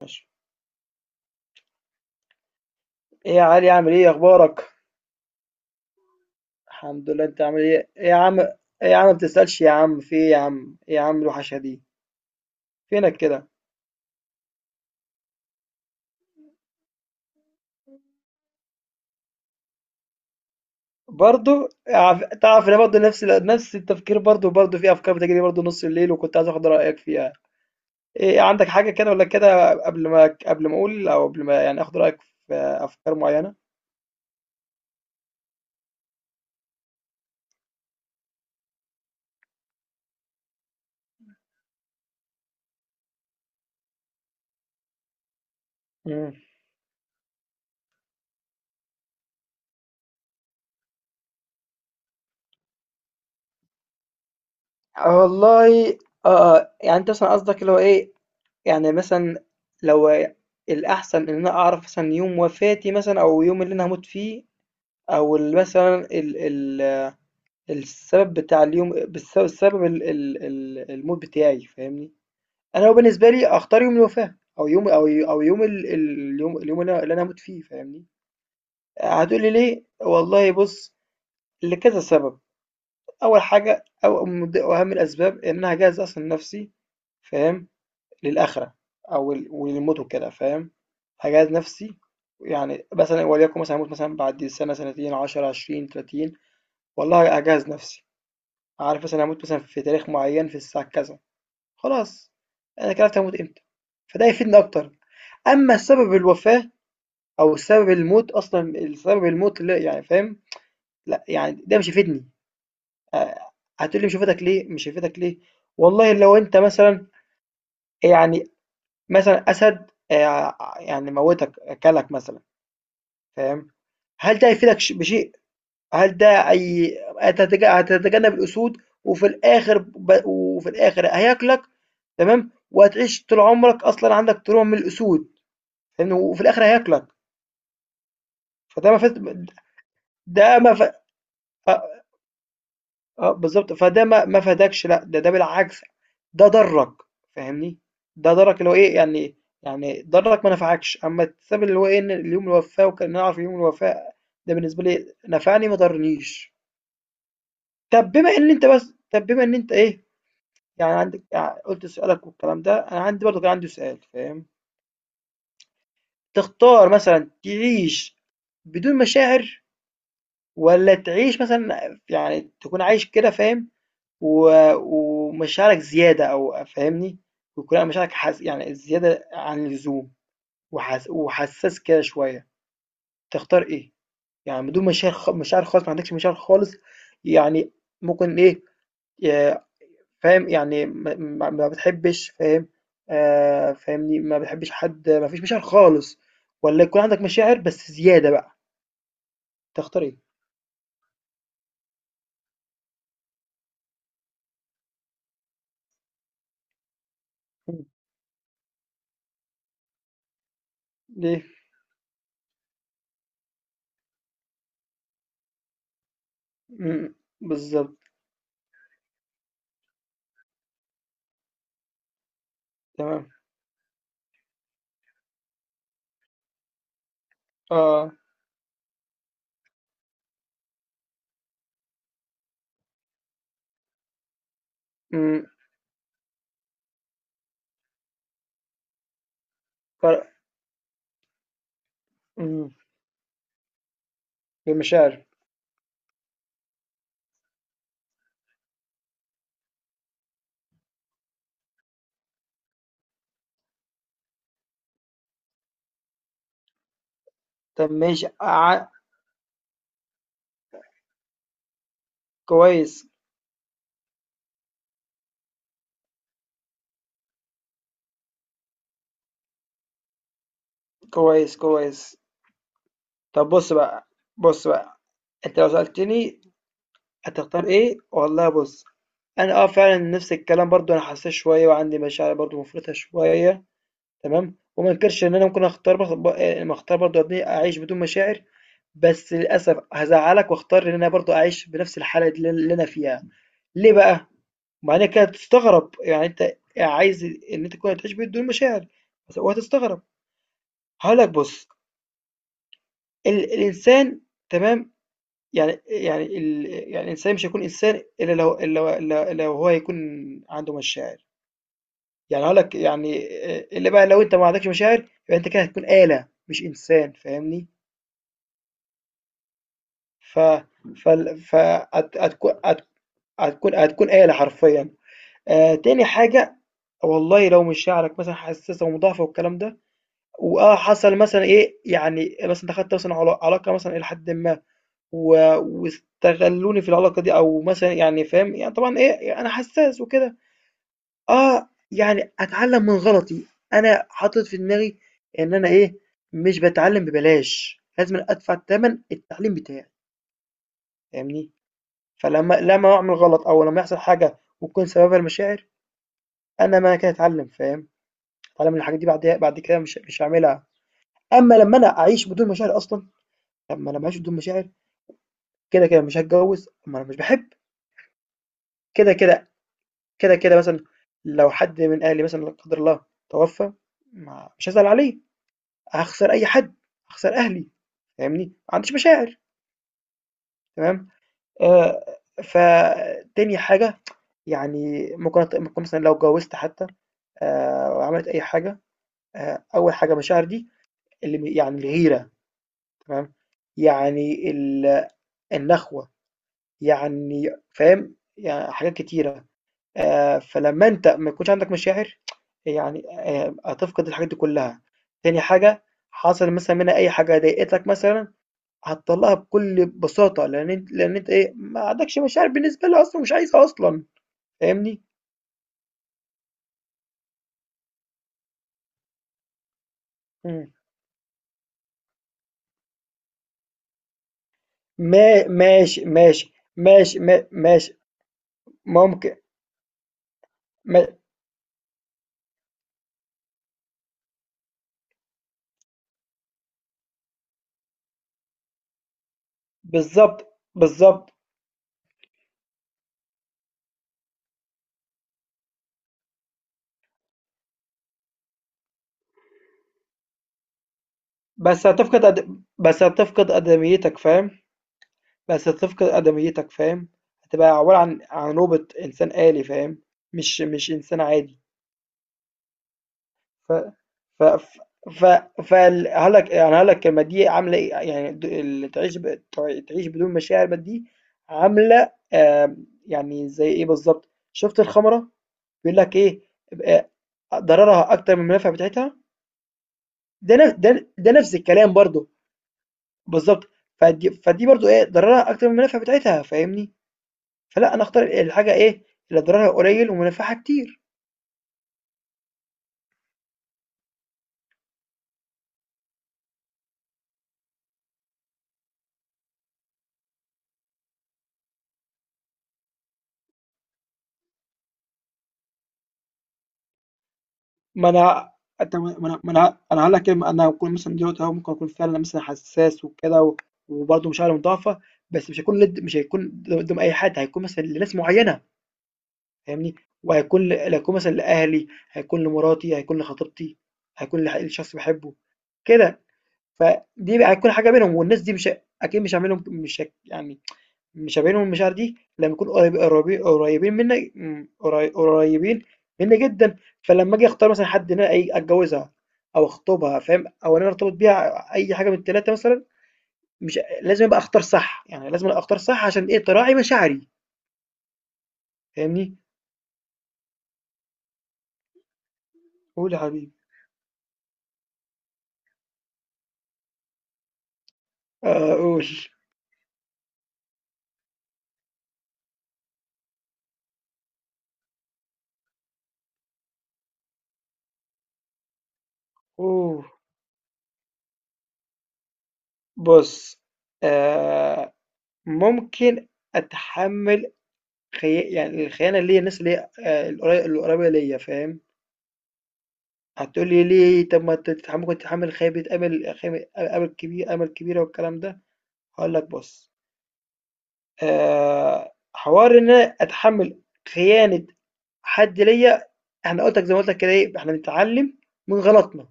ماشي. ايه يا علي، عامل ايه، اخبارك؟ الحمد لله، انت عامل ايه يا عم، ايه يا عم، ما بتسألش، يا عم في ايه، يا عم ايه، يا عم الوحشه دي، فينك كده؟ برضو. تعرف انا برضو نفس التفكير، برضو في افكار بتجري برضو نص الليل، وكنت عايز اخد رايك فيها. إيه عندك حاجه كده ولا كده؟ قبل ما اقول، او قبل ما يعني اخد رايك في افكار معينه. مم. والله. اه، يعني انت مثلا قصدك اللي هو ايه؟ يعني مثلًا لو الأحسن إن أنا أعرف مثلًا يوم وفاتي، مثلًا أو يوم اللي أنا هاموت فيه، أو ال مثلًا ال ال السبب بتاع اليوم، السبب ال ال ال الموت بتاعي، فاهمني؟ أنا بالنسبة لي أختار يوم الوفاة، أو يوم أو ي أو يوم ال ال اليوم اللي أنا هاموت فيه، فاهمني؟ هتقول لي ليه؟ والله بُص، لكذا سبب. أول حاجة، أو من ض أهم الأسباب، إن أنا هاجهز أصلًا نفسي، فاهم؟ للآخرة، وللموت وكده، فاهم. هجهز نفسي. يعني مثلا، وليكن مثلا هموت مثلا بعد سنة، سنتين، 10، 20، 30. والله هجهز نفسي. عارف مثلا هموت مثلا في تاريخ معين، في الساعة كذا. خلاص، أنا كده عرفت هموت إمتى. فده يفيدني أكتر. أما سبب الوفاة، أو سبب الموت، أصلا سبب الموت، لا يعني، فاهم؟ لا يعني ده مش يفيدني. آه، هتقولي مش هيفيدك ليه، مش هيفيدك ليه؟ والله لو أنت مثلا، يعني، مثلًا أسد، يعني موّتك، أكلك مثلًا، فاهم، هل ده هيفيدك بشيء؟ هل ده أي هتتجنب الأسود، وفي الآخر هياكلك. تمام، وهتعيش طول عمرك أصلًا عندك تروما من الأسود، فاهمني، وفي الآخر هياكلك. فده ما فيش ده ما ف أ آه، بالضبط، فده ما فادكش، لأ، ده بالعكس. ده ضرّك، فاهمني، ده ضرّك اللي هو إيه، يعني، يعني ضرّك ما نفعكش. أمّا الحساب اللي هو إيه، إن ليوم الوفاة وكان نعرف يوم الوفاة، ده بالنسبة لي نفعني ما ضرنيش. طَب بما إن أنت إيه، يعني عندك قُلت سؤالك والكلام ده، أنا عندي برضه كان عندي سؤال، فاهم. تختار مثلًا تعيش بدون مشاعر، والّا تعيش مثلًا يعني تكون عايش كده، فاهم، و ومشاعرك زيادة، أو فاهمني؟ ويكون على مشاعرك يعني زيادة عن اللزوم، وحساس كده شوية. تختار إيه؟ يعني بدون مشاعر، مشاعر خالص، ما عندكش مشاعر خالص. يعني ممكن إيه، ي فاهم، يعني ما بتحبش، فاهم، فاهمني؟ ما بتحبش حد، ما فيش مشاعر خالص، والّا يكون عندك مشاعر بس زيادة بقى، تختار إيه؟ إمم. ليه؟ إمم. بالضبط. تمام. آه. إمم. فرق. إمم. بالمشاعر. طب ماشي ع- كويس كويس، كويس. طب بص بقى، بص بقى. انت لو سألتني هتختار ايه؟ والله بص، انا اه فعلا نفس الكلام، برضو انا حساس شويه، وعندي مشاعر برضو مفرطه شويه. تمام، وما انكرش ان انا ممكن اختار بخ... ب... آه، ما اختار برضو ابني اعيش بدون مشاعر. بس للاسف هزعلك، واختار ان انا برضو اعيش بنفس الحاله دي اللي انا فيها. ليه بقى؟ مع انك هتستغرب، يعني انت عايز ان انت تكون تعيش بدون مشاعر. وهتستغرب. هقول لك بص، الإنسان، تمام، يعني يعني الإنسان مش هيكون إنسان إلا لو هو يكون عنده مشاعر. يعني هاقول لك يعني، إلا بقى لو أنت ما عندكش مشاعر، يبقى أنت كده هتكون آلة مش إنسان، فاهمني؟ ف فال ف هت هتكو هت هتكون آلة حرفيًا. تاني حاجة، والله لو مشاعرك مثلًا حساسة ومضاعفة والكلام ده، وآه حصل مثلًا إيه، يعني مثلًا دخلت مثلًا علاقة مثلًا إلى حدٍ ما، واستغلوني في العلاقة دي، أو مثلًا يعني فاهم، يعني طبعًا إيه، أنا حسّاس وكده. آه، يعني أتعلّم من غلطي، أنا حاطط في دماغي إن أنا إيه، مش باتعلّم ببلاش، لازمًا أدفع تَمَن التعليم بتاعي، فاهمني؟ لمّا أعمل غلط، أو لمّا يحصل حاجة وتكون سببها المشاعر، أنا معنى كده أتعلّم، فاهم؟ أتعلّم من الحاجات دي، بعديها بعد كده مش هاعملها. أمّا لمّا أنا أعيش بدون مشاعر أصلًا، طَب ما أنا باعيش بدون مشاعر كده، كده مش هاتجوّز، ما أنا مش باحب، كده، كده، كده، كده مثلًا لو حد من أهلي مثلًا لا قدر الله توفى، ما مش هازعل عليه، هاخسر أي حد، هاخسر أهلي، فاهمني؟ ما عنديش مشاعر. تمام. آآ فتاني حاجة، يعني ممكن مثلًا لو اتجوزت حتى، وعملت أي حاجة، أول حاجة مشاعر دي، اللي م يعني الغيرة، تمام، يعني ال النخوة، يعني فاهم؟ يعني حاجات كتيرة. فلمّا أنت ما يكونش عندك مشاعر، يعني هتفقد الحاجات دي كلّها. تاني حاجة، حصل مثلًا منها أي حاجة ضايقتك مثلًا، هتطلّعها بكل بساطة، لإن أنت إيه، ما عندكش مشاعر بالنسبة لها أصلًا، ومش عايزها أصلًا، فاهمني؟ إمم. ما ماشي، ماشي، ماشي، ما ماشي، ممكن ما بالضبط، بالضبط. بس هتفقد أد بس هتفقد أدميتك، فاهم؟ بس هتفقد آدميتك، فاهم، هتبقى عبارة عن روبوت إنسان آلي، فاهم، مش إنسان عادي. ف ف ف ف فال هقولك الكلمة دي عاملة إيه، يعني اللي تعيش ب تع تعيش بدون مشاعر بقى، دي عاملة آمم، يعني زي إيه بالضبط، شُفت الخمرة بيقول لك إيه، ب ضررها أكتر من المنافع بتاعتها. ده ن ده ده نفس الكلام برضه، بالضبط. فدي برضه إيه، ضررها أكتر من المنافع بتاعتها، فاهمني؟ فلأ، أنا أختار الحاجة إيه، اللي ضررها قليل ومنافعها كتير. ما أنا أنت ما أنا ما أنا أنا هاقول لك إيه، ما أنا هاكون مثلًا دلوقتي أهو، ممكن أكون فعلًا مثلًا حساس وكده، وبرضه مشاعري مضاعفة. بس مش هاكون لد مش هيكون قدّام أي حد، هيكون مثلًا لناس معيّنة، فاهمني، وهيكون ل هيكون مثلًا لأهلي، هيكون لمراتي، هيكون لخطيبتي، هيكون لح لشخص باحبه، كده. فدي بقى هتكون حاجة بينهم، والناس دي مش ه- أكيد مش هاعمل لهم مش هك يعني، مش ما بينهم المشاعر دي، لما يكونوا قريبين مني جدا. فلما اجي اختار مثلا حد ان انا إيه، اتجوزها او اخطبها، فاهم، او ان انا ارتبط بيها، اي حاجه من الثلاثه مثلا، مش لازم ابقى اختار صح، يعني لازم أنا اختار صح، عشان ايه، تراعي مشاعري، فاهمني. قول يا حبيبي. آه، قول. اوه، بص، آه، ممكن اتحمل يعني الخيانه اللي هي الناس اللي هي آه، القريبه ليا، فاهم. هتقول لي ليه؟ طب ما تت- ممكن تتحمل خيبة أمل، خيبة أمل كبيرة والكلام ده. هقول لك بص، آه، حوار إن أنا أتحمل خيانة حد ليا، احنا قلت لك، زي ما قلت لك كده ايه، احنا بنتعلم من غلطنا.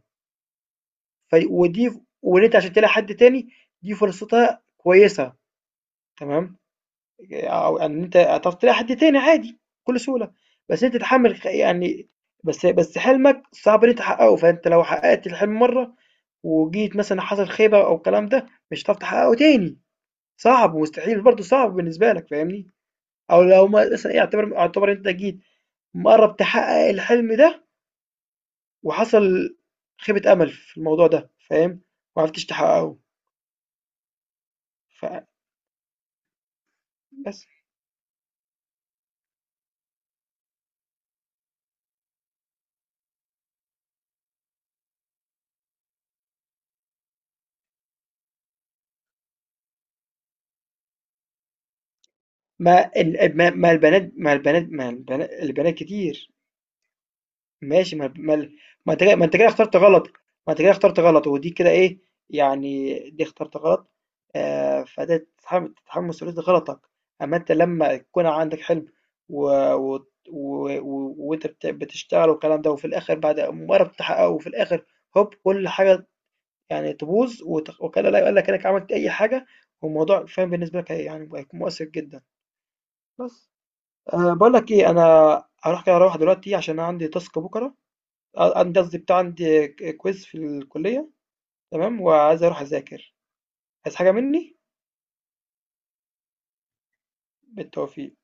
ودي، وان انت عشان تلاقي حد تاني، دي فرصتها كويسه، تمام، او ان انت هتعرف تلاقي حد تاني عادي بكل سهوله. بس انت تتحمل خ- يعني بس حلمك صعب ان انت تحققه، فانت لو حققت الحلم مره، وجيت مثلًا حصل خيبة أو الكلام ده، مش هتعرف تحققه تاني. صعب ومستحيل، برضه صعب بالنسبة لك، فاهمني؟ أو لو مثلًا إيه، اعتبر أنت جيت مقرّب تحقق الحلم ده، وحصل خيبة أمل في الموضوع ده، فاهم؟ ما عرفتش تحققه، فبس. ما البنا البنات كتير. ماشي، ما انت كده اخترت غلط، ما انت كده اخترت غلط، ودي كده ايه، يعني دي اخترت غلط. آه، فده تتحمل مسؤولية غلطك، اما انت لما يكون عندك حلم، و... وانت بتشتغل والكلام ده، وفي الاخر بعد مجرد تحققه، وفي الاخر هوب كل حاجة، يعني تبوظ وكان لا يقول لك انك عملت اي حاجة. والموضوع فاهم بالنسبة لك يعني هيكون مؤثر جدا. بس، أه، بقول لك ايه، انا هروح كده، اروح دلوقتي عشان أنا عندي تاسك بكرة، آه، عندي قصدي بتاع، عندي كويز في الكلية، تمام، وعايز اروح اذاكر. عايز حاجة مني؟ بالتوفيق.